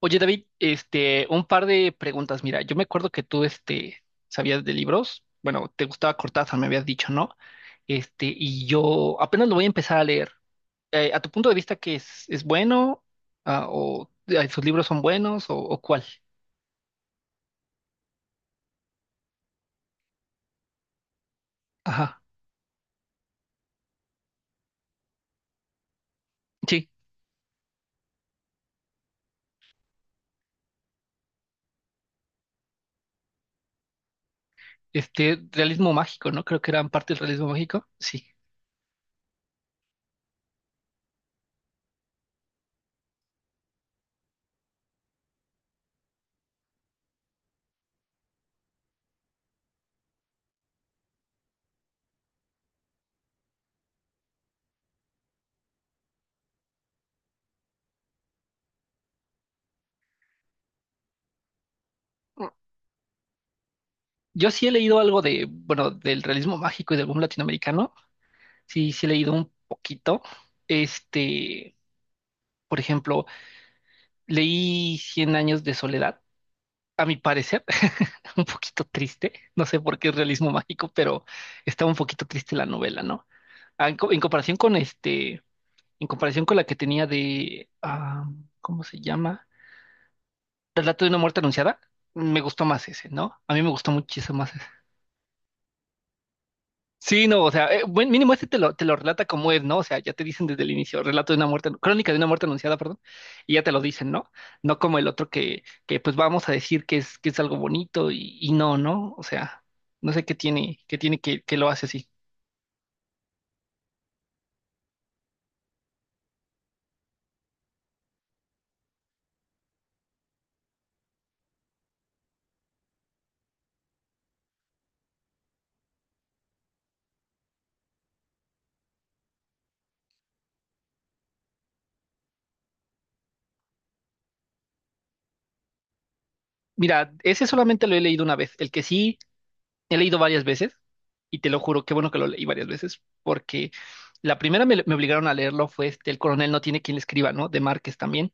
Oye, David, un par de preguntas. Mira, yo me acuerdo que tú sabías de libros. Bueno, te gustaba Cortázar, me habías dicho, ¿no? Y yo apenas lo voy a empezar a leer. ¿A tu punto de vista es bueno? Ah, ¿o sus libros son buenos? O cuál? Ajá. Sí, realismo mágico, ¿no? Creo que eran parte del realismo mágico. Sí. Yo sí he leído algo bueno, del realismo mágico y del boom latinoamericano. Sí, sí he leído un poquito. Este, por ejemplo. Leí Cien años de soledad, a mi parecer, un poquito triste. No sé por qué es realismo mágico, pero está un poquito triste la novela, ¿no? Ah, en comparación con en comparación con la que tenía de, ah, ¿cómo se llama? Relato de una muerte anunciada, me gustó más ese, ¿no? A mí me gustó muchísimo más. Sí, no, o sea, buen mínimo te lo relata como es, ¿no? O sea, ya te dicen desde el inicio, relato de una muerte, crónica de una muerte anunciada, perdón, y ya te lo dicen, ¿no? No como el otro que pues vamos a decir que es algo bonito y no, ¿no? O sea, no sé qué tiene que lo hace así. Mira, ese solamente lo he leído una vez, el que sí he leído varias veces, y te lo juro, qué bueno que lo leí varias veces, porque la primera me obligaron a leerlo fue El coronel no tiene quien le escriba, ¿no? De Márquez también.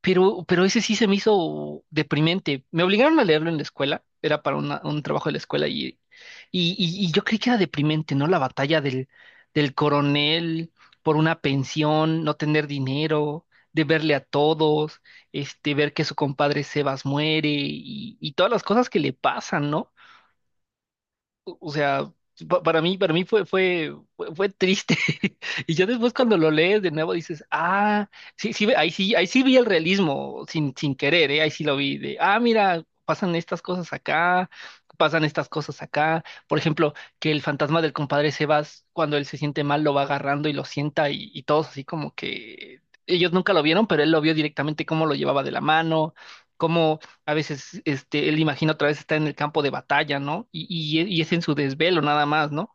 Pero ese sí se me hizo deprimente. Me obligaron a leerlo en la escuela, era para un trabajo de la escuela y yo creí que era deprimente, ¿no? La batalla del coronel por una pensión, no tener dinero, de verle a todos, ver que su compadre Sebas muere y todas las cosas que le pasan, ¿no? O sea, para mí fue, fue, fue, fue triste. Y ya después cuando lo lees de nuevo dices, ah, sí, sí, ahí sí, ahí sí vi el realismo sin, sin querer, ¿eh? Ahí sí lo vi de, ah, mira, pasan estas cosas acá, pasan estas cosas acá. Por ejemplo, que el fantasma del compadre Sebas, cuando él se siente mal, lo va agarrando y lo sienta y todos así como que ellos nunca lo vieron, pero él lo vio directamente cómo lo llevaba de la mano. A veces, él imagina otra vez está en el campo de batalla, ¿no? Y es en su desvelo nada más, ¿no?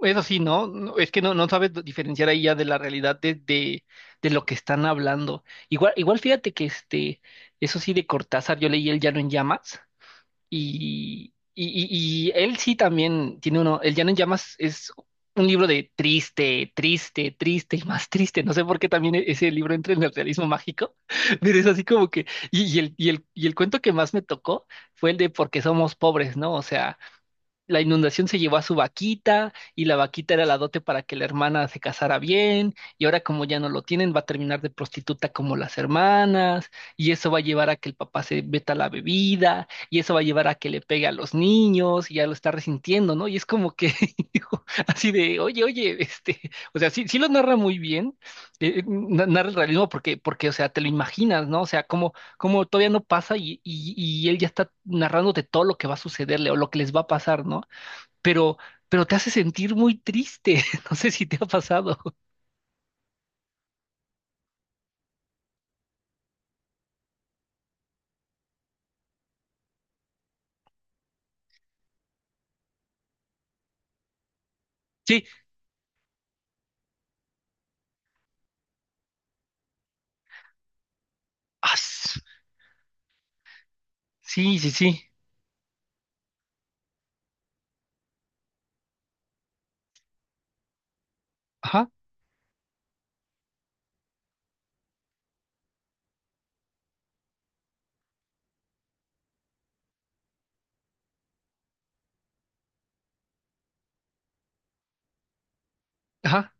Eso sí, ¿no? No, es que no, no sabes diferenciar ahí ya de la realidad de lo que están hablando. Igual, igual fíjate que eso sí de Cortázar, yo leí El Llano en Llamas. Y él sí también tiene uno, El Llano en Llamas es un libro de triste, triste, triste y más triste. No sé por qué también ese libro entra en el realismo mágico, pero es así como que, y el cuento que más me tocó fue el de Por qué somos pobres, ¿no? O sea, la inundación se llevó a su vaquita y la vaquita era la dote para que la hermana se casara bien y ahora como ya no lo tienen va a terminar de prostituta como las hermanas y eso va a llevar a que el papá se veta la bebida y eso va a llevar a que le pegue a los niños y ya lo está resintiendo, ¿no? Y es como que digo, así de, oye, oye, o sea, sí, sí lo narra muy bien, narra el realismo porque, o sea, te lo imaginas, ¿no? O sea, cómo como todavía no pasa y él ya está narrándote todo lo que va a sucederle o lo que les va a pasar, ¿no? Pero, pero te hace sentir muy triste. No sé si te ha pasado. Sí, ah, sí, sí, sí. Ajá, ajá.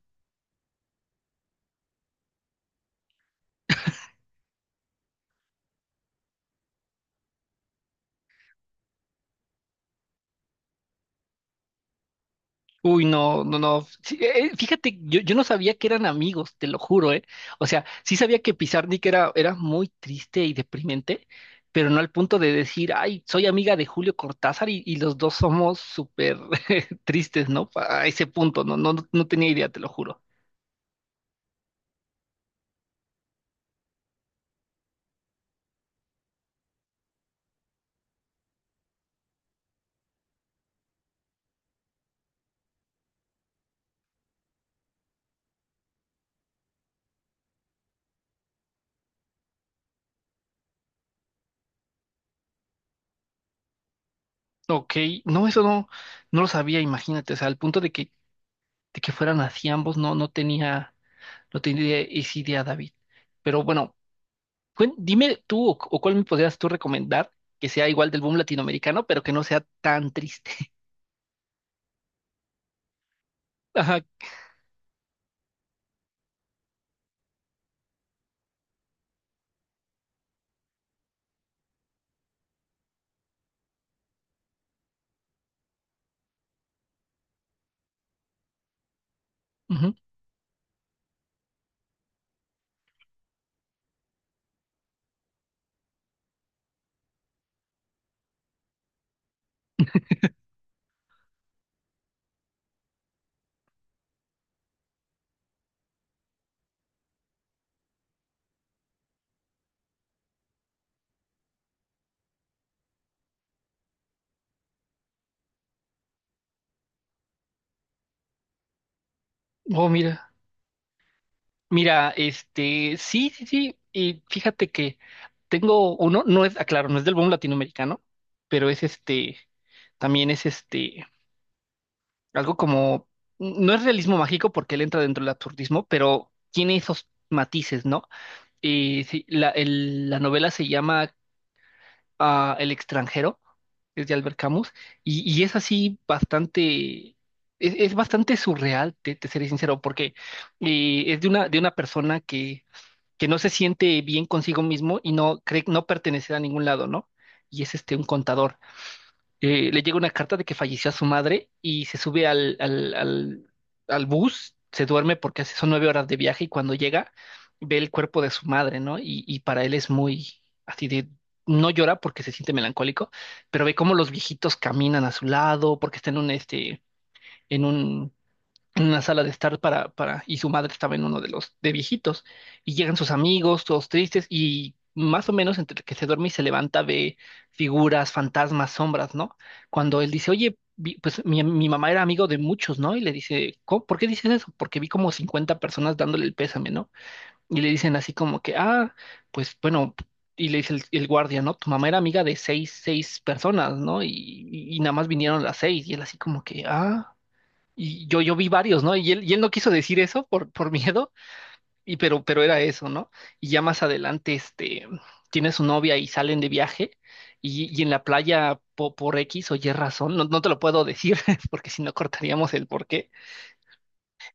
Uy, no, no, no. Sí, fíjate, yo no sabía que eran amigos, te lo juro, ¿eh? O sea, sí sabía que Pizarnik era, era muy triste y deprimente, pero no al punto de decir, ay, soy amiga de Julio Cortázar y los dos somos súper tristes, ¿no? A ese punto, no, no, no tenía idea, te lo juro. Ok, no, eso no, no lo sabía, imagínate, o sea, al punto de que fueran así ambos, no, no tenía, no tenía esa idea, David. Pero bueno, dime tú o cuál me podrías tú recomendar que sea igual del boom latinoamericano, pero que no sea tan triste. Ajá. Ujú. Oh, mira. Mira, sí, sí, sí. Y fíjate que tengo uno, no es, aclaro, no es del boom latinoamericano, pero es también es algo como, no es realismo mágico porque él entra dentro del absurdismo, pero tiene esos matices, ¿no? Sí, la novela se llama a El extranjero, es de Albert Camus, y es así bastante, es bastante surreal, te seré sincero, porque es de una persona que no se siente bien consigo mismo y no cree no pertenecer a ningún lado, ¿no? Y es un contador. Le llega una carta de que falleció su madre y se sube al bus, se duerme porque son 9 horas de viaje y cuando llega ve el cuerpo de su madre, ¿no? Y para él es muy así de, no llora porque se siente melancólico, pero ve cómo los viejitos caminan a su lado porque está en un, en una sala de estar para, y su madre estaba en uno de los de viejitos, y llegan sus amigos, todos tristes, y más o menos entre que se duerme y se levanta ve figuras, fantasmas, sombras, ¿no? Cuando él dice, oye, pues mi mamá era amigo de muchos, ¿no? Y le dice, "¿Cómo- ¿por qué dices eso? Porque vi como 50 personas dándole el pésame, ¿no?" Y le dicen así como que, ah, pues bueno. Y le dice el guardia, ¿no? Tu mamá era amiga de seis, seis personas, ¿no? Y nada más vinieron las seis. Y él así como que, ah. Yo vi varios, ¿no? Y él no quiso decir eso por miedo, pero era eso, ¿no? Y ya más adelante, tiene su novia y salen de viaje, y en la playa, por X o Y razón, no, no te lo puedo decir, porque si no cortaríamos el por qué,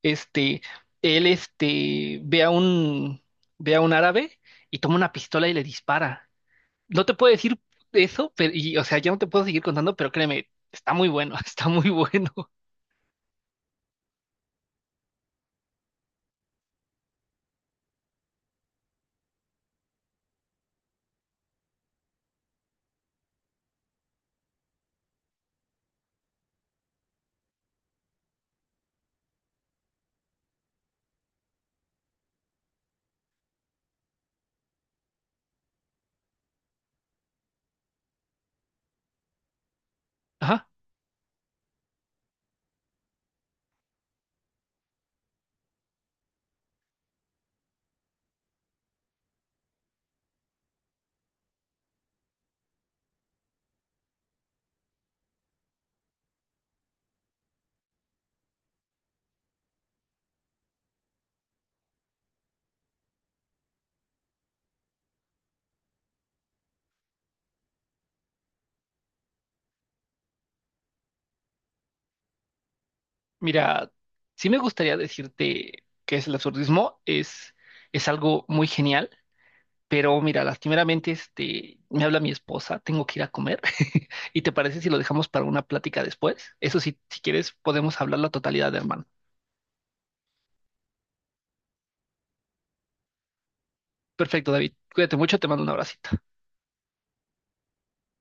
este, él, ve a un árabe y toma una pistola y le dispara. No te puedo decir eso, pero, y, o sea, ya no te puedo seguir contando, pero créeme, está muy bueno, está muy bueno. Ajá. Mira, sí me gustaría decirte que es el absurdismo, es algo muy genial, pero mira, lastimeramente me habla mi esposa, tengo que ir a comer. ¿Y te parece si lo dejamos para una plática después? Eso sí, si quieres, podemos hablar la totalidad, hermano. Perfecto, David. Cuídate mucho, te mando un abracito.